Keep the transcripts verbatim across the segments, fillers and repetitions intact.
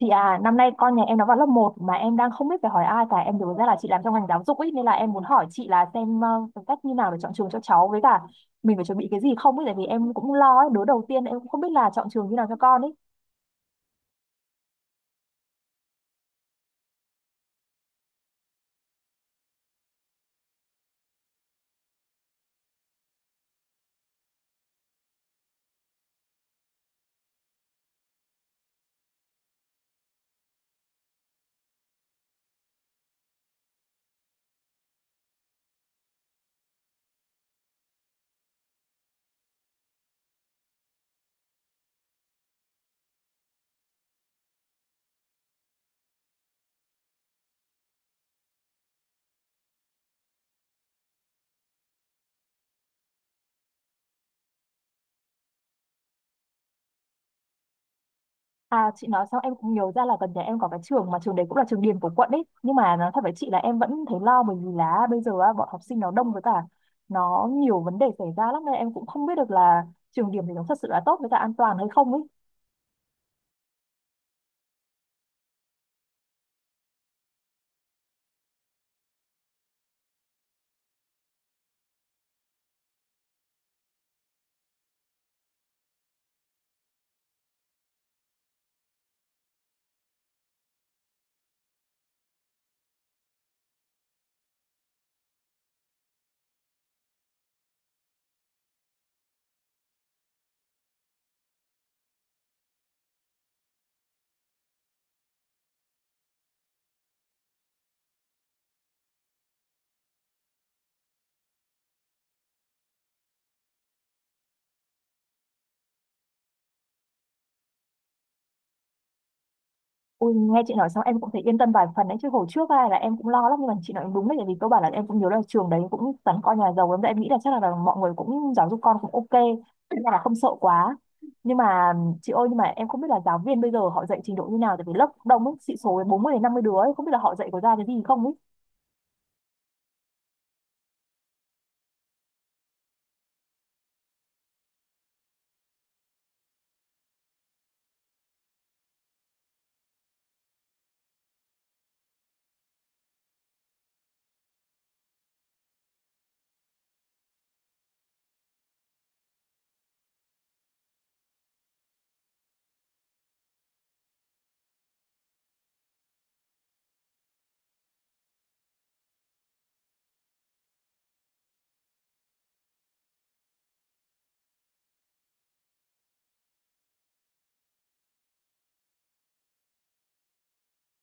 Chị à, năm nay con nhà em nó vào lớp một mà em đang không biết phải hỏi ai cả. Em nhớ ra là chị làm trong ngành giáo dục ấy nên là em muốn hỏi chị là xem ờ, cái cách như nào để chọn trường cho cháu với cả mình phải chuẩn bị cái gì không ấy tại vì em cũng lo ấy, đứa đầu tiên em cũng không biết là chọn trường như nào cho con ấy. À chị nói xong em cũng nhớ ra là gần nhà em có cái trường mà trường đấy cũng là trường điểm của quận ấy. Nhưng mà nói thật với chị là em vẫn thấy lo bởi vì là bây giờ á, bọn học sinh nó đông với cả nó nhiều vấn đề xảy ra lắm nên em cũng không biết được là trường điểm thì nó thật sự là tốt với cả an toàn hay không ấy. Ui, nghe chị nói xong em cũng thấy yên tâm vài phần đấy chứ hồi trước ai là em cũng lo lắm nhưng mà chị nói đúng đấy tại vì cơ bản là em cũng nhớ là trường đấy cũng toàn con nhà giàu lắm, em nghĩ là chắc là, là mọi người cũng giáo dục con cũng ok, nên là không sợ quá. Nhưng mà chị ơi, nhưng mà em không biết là giáo viên bây giờ họ dạy trình độ như nào, tại vì lớp đông ấy, sĩ số bốn mươi đến năm mươi đứa ấy, không biết là họ dạy có ra cái gì không.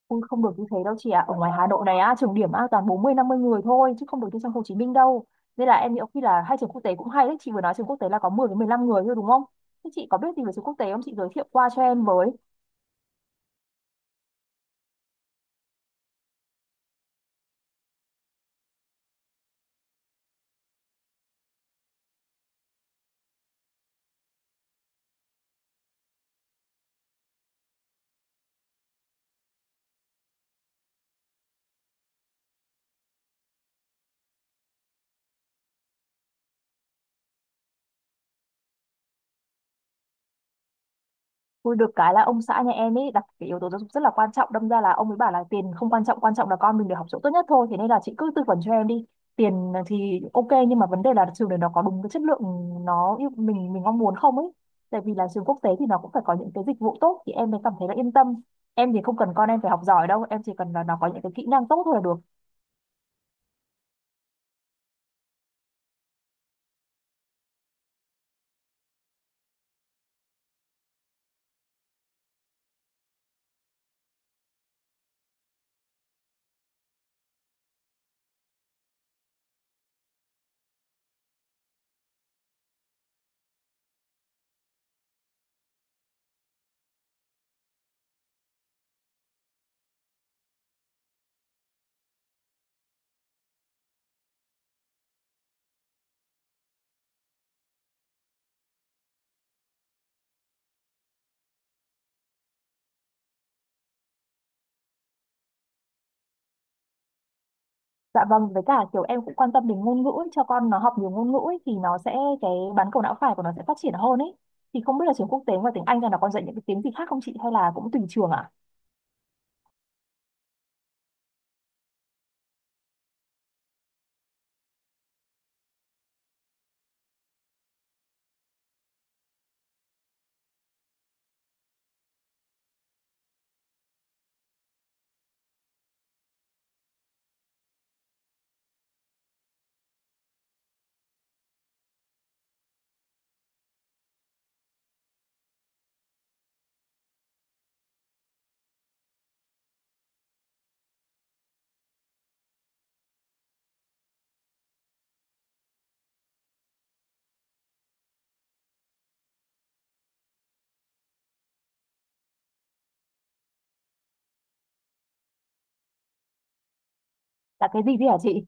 Ui không được như thế đâu chị ạ. Ở ngoài Hà Nội này á, trường điểm á toàn bốn mươi năm mươi người thôi chứ không được như trong Hồ Chí Minh đâu. Nên là em nghĩ khi là hai trường quốc tế cũng hay đấy, chị vừa nói trường quốc tế là có mười đến mười lăm người thôi đúng không? Thế chị có biết gì về trường quốc tế không? Chị giới thiệu qua cho em với. Ui, được cái là ông xã nhà em ấy đặt cái yếu tố giáo dục rất là quan trọng, đâm ra là ông ấy bảo là tiền không quan trọng, quan trọng là con mình được học chỗ tốt nhất thôi, thế nên là chị cứ tư vấn cho em đi. Tiền thì ok nhưng mà vấn đề là trường đấy nó có đúng cái chất lượng nó yêu mình mình mong muốn không ấy, tại vì là trường quốc tế thì nó cũng phải có những cái dịch vụ tốt thì em mới cảm thấy là yên tâm. Em thì không cần con em phải học giỏi đâu, em chỉ cần là nó có những cái kỹ năng tốt thôi là được. Dạ vâng, với cả kiểu em cũng quan tâm đến ngôn ngữ ấy, cho con nó học nhiều ngôn ngữ ấy, thì nó sẽ cái bán cầu não phải của nó sẽ phát triển hơn ấy. Thì không biết là trường quốc tế ngoài tiếng Anh ra nó còn dạy những cái tiếng gì khác không chị, hay là cũng tùy trường ạ? Là cái gì thế hả chị?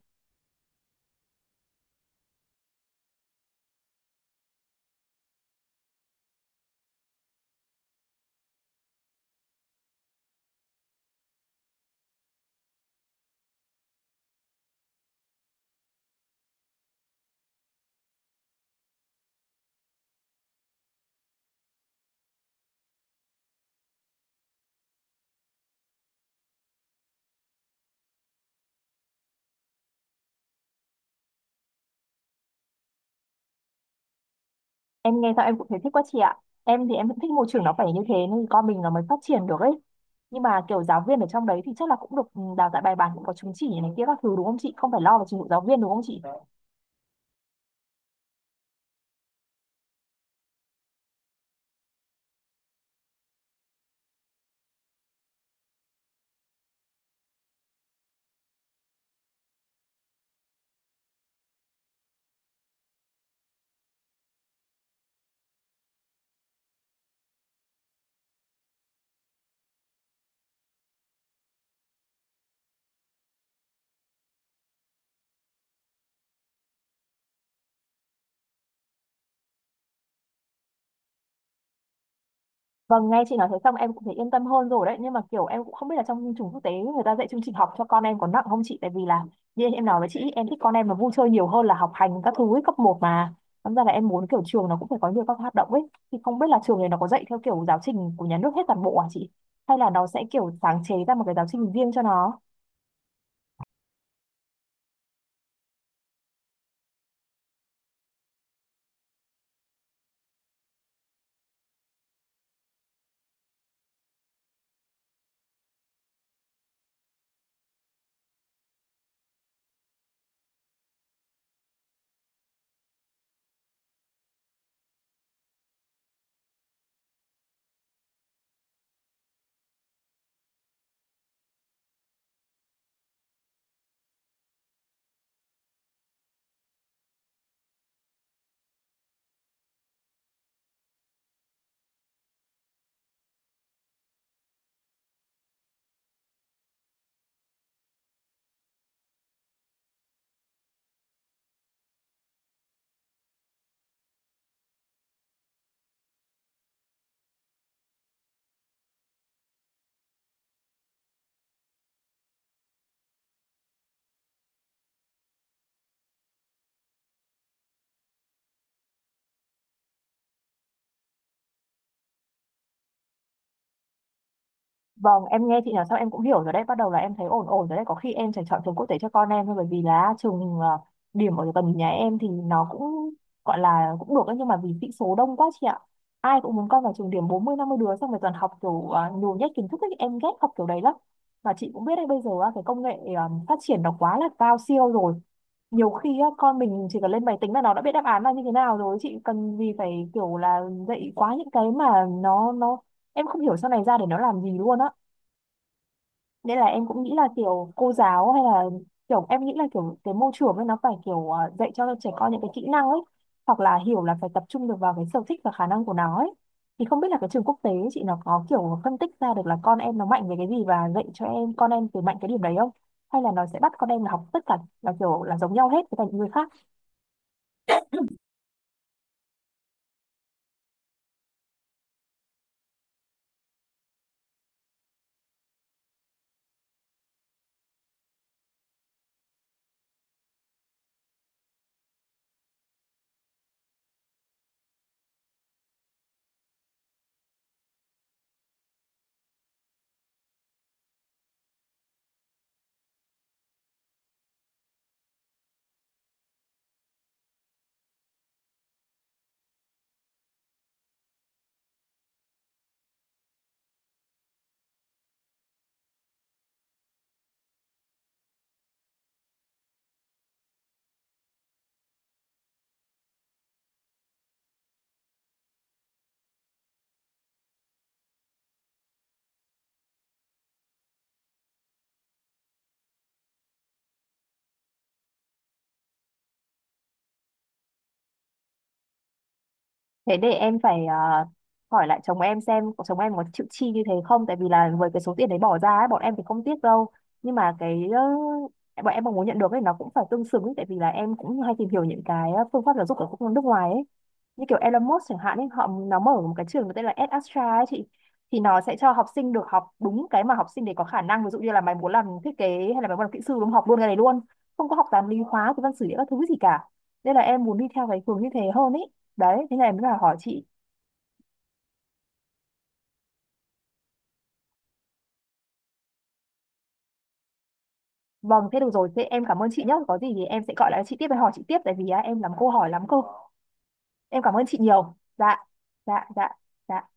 Em nghe sao em cũng thấy thích quá chị ạ. Em thì em cũng thích môi trường nó phải như thế nên con mình nó mới phát triển được ấy. Nhưng mà kiểu giáo viên ở trong đấy thì chắc là cũng được ừ, đào tạo bài bản, cũng có chứng chỉ này kia các thứ đúng không chị? Không phải lo về trình độ giáo viên đúng không chị? Vâng, nghe chị nói thế xong em cũng thấy yên tâm hơn rồi đấy. Nhưng mà kiểu em cũng không biết là trong chương trình quốc tế người ta dạy chương trình học cho con em có nặng không chị? Tại vì là như em nói với chị, em thích con em nó vui chơi nhiều hơn là học hành các thứ ấy, cấp một mà. Thành ra là em muốn kiểu trường nó cũng phải có nhiều các hoạt động ấy. Thì không biết là trường này nó có dạy theo kiểu giáo trình của nhà nước hết toàn bộ à chị? Hay là nó sẽ kiểu sáng chế ra một cái giáo trình riêng cho nó? Vâng, em nghe chị nói xong em cũng hiểu rồi đấy, bắt đầu là em thấy ổn ổn rồi đấy, có khi em sẽ chọn trường quốc tế cho con em thôi, bởi vì là trường ờ, điểm ở gần nhà em thì nó cũng gọi là cũng được ấy, nhưng mà vì sĩ số đông quá chị ạ. Ai cũng muốn con vào trường điểm, bốn mươi năm mươi đứa xong rồi toàn học kiểu ờ, nhồi nhét kiến thức ấy, em ghét học kiểu đấy lắm. Mà chị cũng biết đấy bây giờ á, cái công nghệ ờ, phát triển nó quá là cao siêu rồi. Nhiều khi á, con mình chỉ cần lên máy tính là nó đã biết đáp án là như thế nào rồi, chị cần gì phải kiểu là dạy quá những cái mà nó nó em không hiểu sau này ra để nó làm gì luôn á, nên là em cũng nghĩ là kiểu cô giáo hay là kiểu em nghĩ là kiểu cái môi trường ấy nó phải kiểu à, dạy cho trẻ con những cái kỹ năng ấy, hoặc là hiểu là phải tập trung được vào cái sở thích và khả năng của nó ấy. Thì không biết là cái trường quốc tế chị nó có kiểu phân tích ra được là con em nó mạnh về cái gì và dạy cho em con em từ mạnh cái điểm đấy không, hay là nó sẽ bắt con em là học tất cả là kiểu là giống nhau hết với cả những người khác. Thế để em phải ờ, hỏi lại chồng em xem có- chồng em có chịu chi như thế không, tại vì là với cái số tiền đấy bỏ ra ấy, bọn em thì không tiếc đâu, nhưng mà cái ờ, bọn em mong muốn nhận được ấy nó cũng phải tương xứng ấy, tại vì là em cũng hay tìm hiểu những cái phương pháp giáo dục ở các nước ngoài ấy, như kiểu Elon Musk chẳng hạn ấy, họ nó mở một cái trường có tên là EdAstra ấy chị, thì nó sẽ cho học sinh được học đúng cái mà học sinh để có khả năng, ví dụ như là mày muốn làm thiết kế hay là mày muốn làm kỹ sư đúng không? Học luôn cái này luôn, không có học toán lý hóa cái văn sử địa các thứ gì cả, nên là em muốn đi theo cái hướng như thế hơn ấy. Đấy thế này em mới là hỏi chị. Vâng thế được rồi, thế em cảm ơn chị nhé, có gì thì em sẽ gọi lại chị tiếp và hỏi chị tiếp tại vì á, em làm câu hỏi lắm cơ. Em cảm ơn chị nhiều. Dạ, dạ, dạ, dạ.